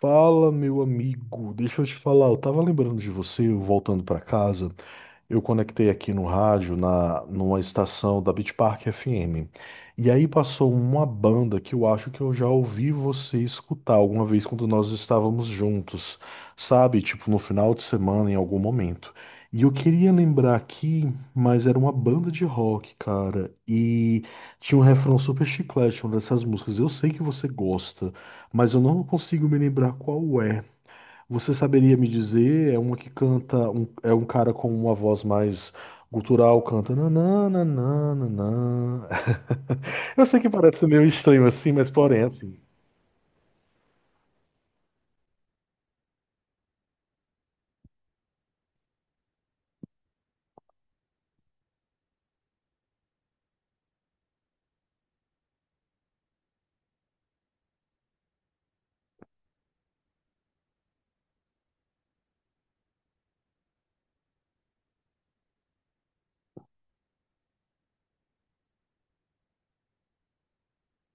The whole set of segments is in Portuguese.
Fala, meu amigo. Deixa eu te falar, eu tava lembrando de você, eu voltando pra casa. Eu conectei aqui no rádio, numa estação da Beach Park FM. E aí passou uma banda que eu acho que eu já ouvi você escutar alguma vez quando nós estávamos juntos, sabe? Tipo no final de semana, em algum momento. E eu queria lembrar aqui, mas era uma banda de rock, cara. E tinha um refrão super chiclete, uma dessas músicas. Eu sei que você gosta, mas eu não consigo me lembrar qual é. Você saberia me dizer? É uma que canta, é um cara com uma voz mais gutural, canta nananana. Eu sei que parece meio estranho assim, mas porém é assim.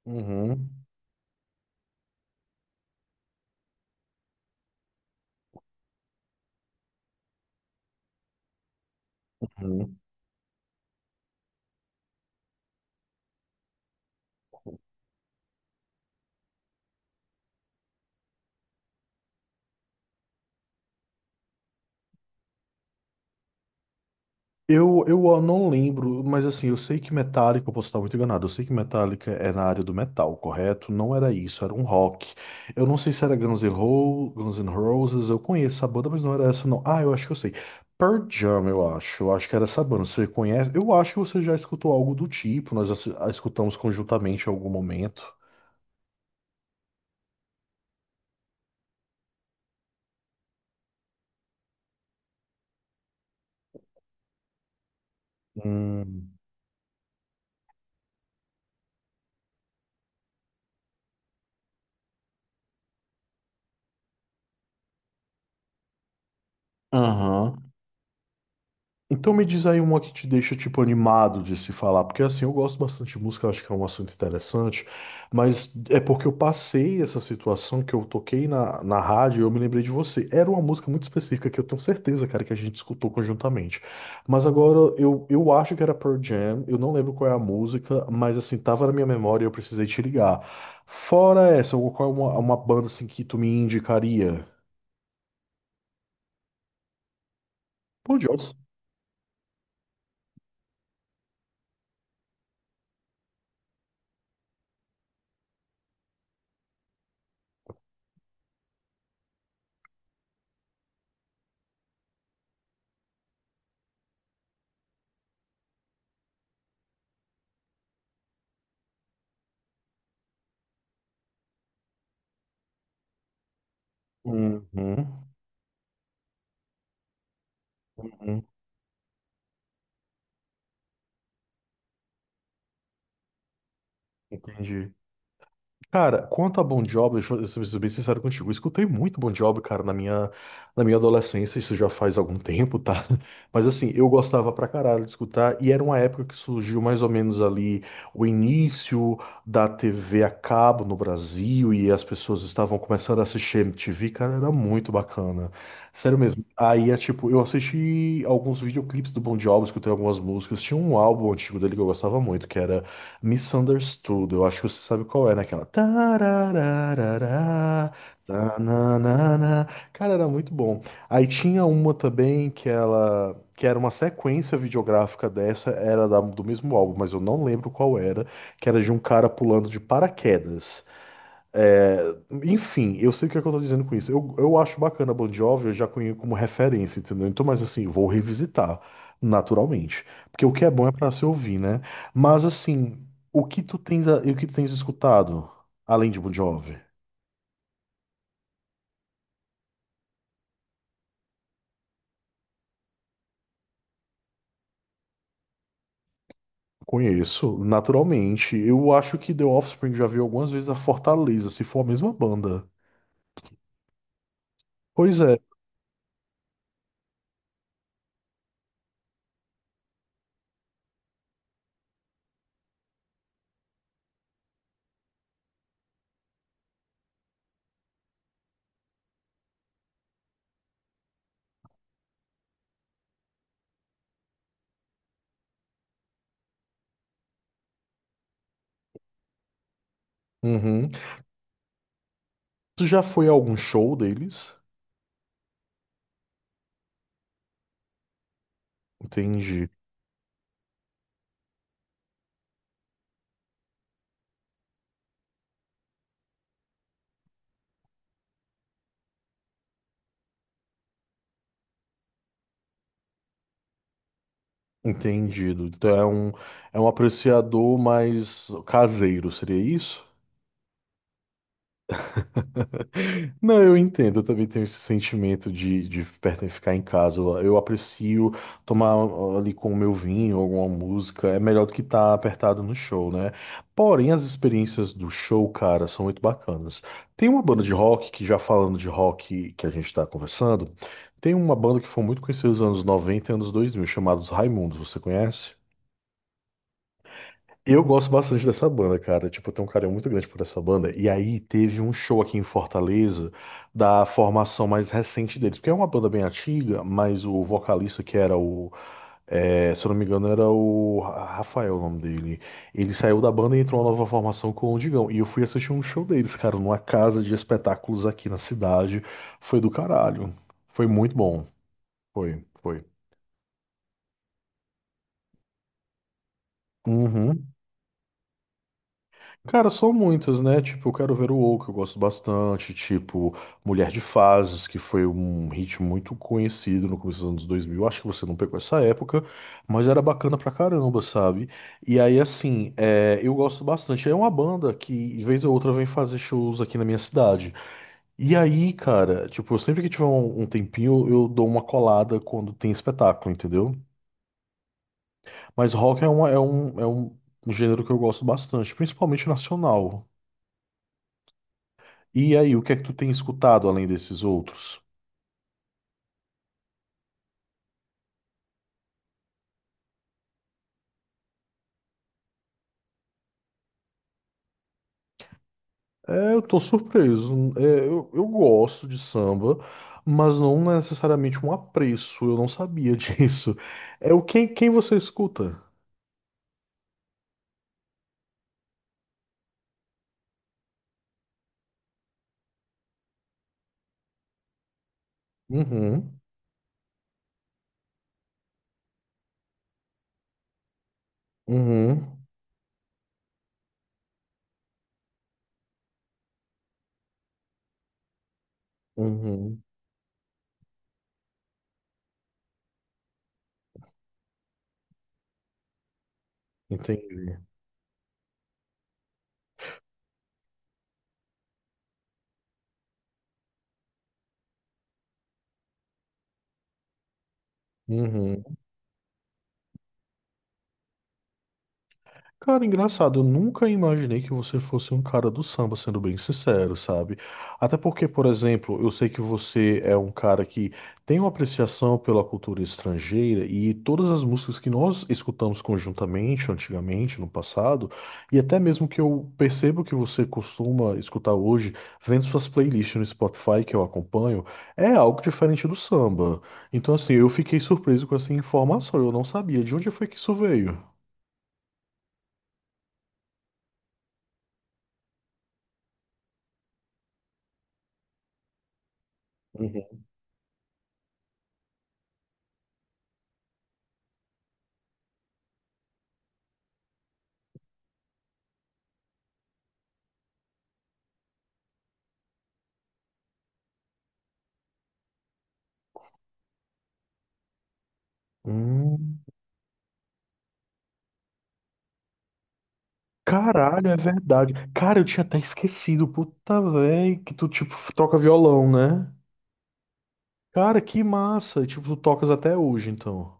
Uhum, uhum. Eu não lembro, mas assim, eu sei que Metallica, eu posso estar muito enganado, eu sei que Metallica é na área do metal, correto? Não era isso, era um rock. Eu não sei se era Guns N' Roses, eu conheço a banda, mas não era essa não. Ah, eu acho que eu sei. Pearl Jam, eu acho que era essa banda, você conhece? Eu acho que você já escutou algo do tipo, nós a escutamos conjuntamente em algum momento. Hum. Aham. Então me diz aí uma que te deixa, tipo, animado de se falar, porque assim, eu gosto bastante de música, eu acho que é um assunto interessante, mas é porque eu passei essa situação que eu toquei na rádio e eu me lembrei de você. Era uma música muito específica que eu tenho certeza, cara, que a gente escutou conjuntamente. Mas agora eu acho que era Pearl Jam, eu não lembro qual é a música, mas assim, tava na minha memória e eu precisei te ligar. Fora essa, qual é uma banda assim que tu me indicaria? Pô, Jones. Uhum, uhum, entendi. Cara, quanto a Bon Jovi, deixa eu ser bem sincero contigo, eu escutei muito Bon Jovi, cara, na minha adolescência, isso já faz algum tempo, tá? Mas assim, eu gostava pra caralho de escutar, e era uma época que surgiu mais ou menos ali o início da TV a cabo no Brasil, e as pessoas estavam começando a assistir MTV, cara, era muito bacana. Sério mesmo. Aí é tipo, eu assisti alguns videoclipes do Bon Jovi, escutei algumas músicas, tinha um álbum antigo dele que eu gostava muito, que era Misunderstood, eu acho que você sabe qual é, naquela. Tararararará, tananana. Cara, era muito bom. Aí tinha uma também que ela. Que era uma sequência videográfica dessa, era do mesmo álbum, mas eu não lembro qual era, que era de um cara pulando de paraquedas. É, enfim, eu sei o que é que eu tô dizendo com isso. Eu acho bacana a Bon Jovi, eu já conheço como referência, entendeu? Então, mas assim, vou revisitar, naturalmente. Porque o que é bom é pra se ouvir, né? Mas assim, o que tu tens escutado, além de Bon Jovi? Conheço, naturalmente. Eu acho que The Offspring já veio algumas vezes a Fortaleza, se for a mesma banda. Pois é. Uhum. Tu já foi a algum show deles? Entendi. Entendido. Então é um apreciador mais caseiro, seria isso? Não, eu entendo. Eu também tenho esse sentimento de, ficar em casa. Eu aprecio tomar ali com o meu vinho, alguma música. É melhor do que estar apertado no show, né? Porém, as experiências do show, cara, são muito bacanas. Tem uma banda de rock, que já falando de rock que a gente está conversando, tem uma banda que foi muito conhecida nos anos 90, e anos 2000, chamados Raimundos. Você conhece? Eu gosto bastante dessa banda, cara. Tipo, eu tenho um carinho muito grande por essa banda. E aí teve um show aqui em Fortaleza da formação mais recente deles, porque é uma banda bem antiga, mas o vocalista que era o, é, se eu não me engano, era o Rafael, o nome dele. Ele saiu da banda e entrou uma nova formação com o Digão. E eu fui assistir um show deles, cara, numa casa de espetáculos aqui na cidade. Foi do caralho. Foi muito bom. Foi, foi. Cara, são muitas, né? Tipo, eu quero ver o O, que eu gosto bastante. Tipo, Mulher de Fases, que foi um hit muito conhecido no começo dos anos 2000. Acho que você não pegou essa época, mas era bacana pra caramba, sabe? E aí, assim, é, eu gosto bastante. É uma banda que, de vez ou outra, vem fazer shows aqui na minha cidade. E aí, cara, tipo, sempre que tiver um tempinho, eu dou uma colada quando tem espetáculo, entendeu? Mas rock é um gênero que eu gosto bastante, principalmente nacional. E aí, o que é que tu tem escutado além desses outros? É, eu tô surpreso. É, eu gosto de samba, mas não necessariamente um apreço. Eu não sabia disso. É o quem você escuta? Uhum, uhum, uhum. Entendi. Uhum. Cara, engraçado, eu nunca imaginei que você fosse um cara do samba, sendo bem sincero, sabe? Até porque, por exemplo, eu sei que você é um cara que tem uma apreciação pela cultura estrangeira e todas as músicas que nós escutamos conjuntamente, antigamente, no passado, e até mesmo que eu percebo que você costuma escutar hoje, vendo suas playlists no Spotify que eu acompanho, é algo diferente do samba. Então, assim, eu fiquei surpreso com essa informação, eu não sabia de onde foi que isso veio. Uhum. Hum. Caralho, é verdade. Cara, eu tinha até esquecido, puta véi, que tu, tipo, troca violão, né? Cara, que massa. E, tipo, tu tocas até hoje, então.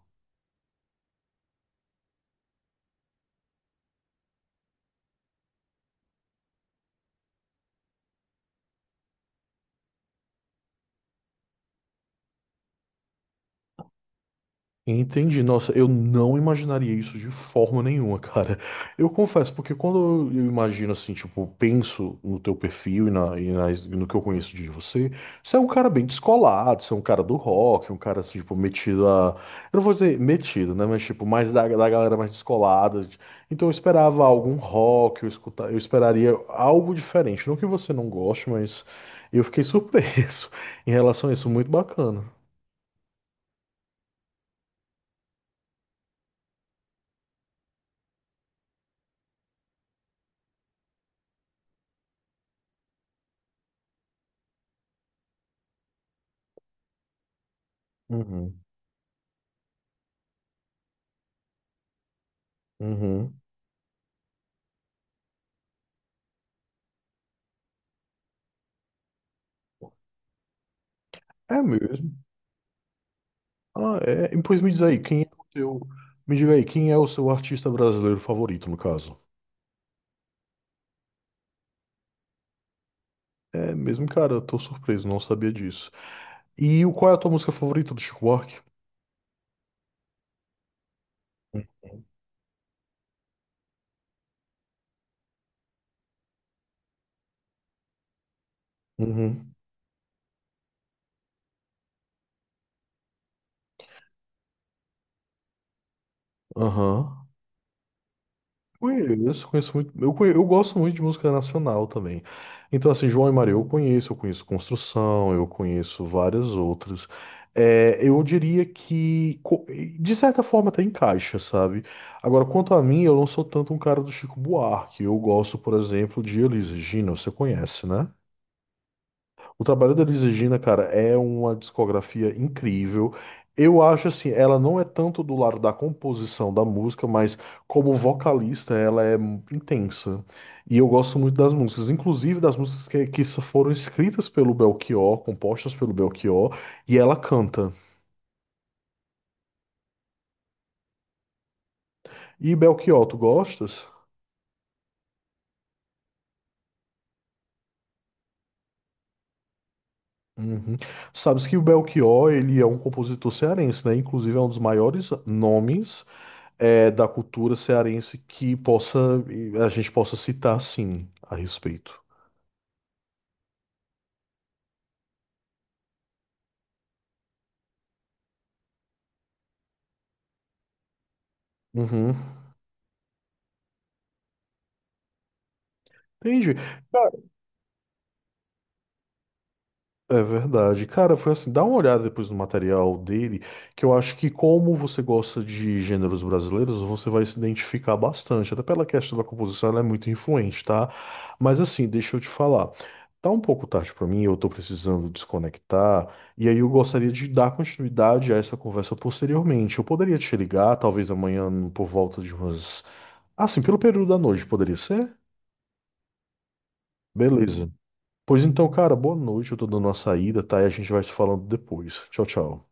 Entendi. Nossa, eu não imaginaria isso de forma nenhuma, cara. Eu confesso, porque quando eu imagino assim, tipo, penso no teu perfil e no que eu conheço de você, você é um cara bem descolado, você é um cara do rock, um cara assim, tipo, metido a. Eu não vou dizer metido, né? Mas tipo, mais da galera mais descolada. Então eu esperava algum rock, eu escutar, eu esperaria algo diferente. Não que você não goste, mas eu fiquei surpreso em relação a isso. Muito bacana. Uhum. Uhum. É mesmo. Ah, é. E, pois me diz aí, quem é o teu. Me diga aí, quem é o seu artista brasileiro favorito, no caso? É mesmo, cara, eu tô surpreso, não sabia disso. E o- qual é a tua música favorita do Chico Buarque? Uhum. Aham. Conheço, conheço muito. Eu, eu gosto muito de música nacional também. Então, assim, João e Maria eu conheço Construção, eu conheço várias outras. É, eu diria que, de certa forma, até encaixa, sabe? Agora, quanto a mim, eu não sou tanto um cara do Chico Buarque. Eu gosto, por exemplo, de Elis Regina, você conhece, né? O trabalho da Elis Regina, cara, é uma discografia incrível. Eu acho assim, ela não é tanto do lado da composição da música, mas como vocalista ela é intensa. E eu gosto muito das músicas, inclusive das músicas que foram escritas pelo Belchior, compostas pelo Belchior, e ela canta. E Belchior, tu gostas? Uhum. Sabes que o Belchior, ele é um compositor cearense, né? Inclusive é um dos maiores nomes da cultura cearense que possa a gente possa citar sim a respeito. Uhum. Entendi. É verdade. Cara, foi assim, dá uma olhada depois no material dele, que eu acho que como você gosta de gêneros brasileiros, você vai se identificar bastante. Até pela questão da composição, ela é muito influente, tá? Mas assim, deixa eu te falar. Tá um pouco tarde pra mim, eu tô precisando desconectar, e aí eu gostaria de dar continuidade a essa conversa posteriormente. Eu poderia te ligar, talvez amanhã por volta de umas... Assim, pelo período da noite, poderia ser? Beleza. Pois então, cara, boa noite. Eu tô dando uma saída, tá? E a gente vai se falando depois. Tchau, tchau.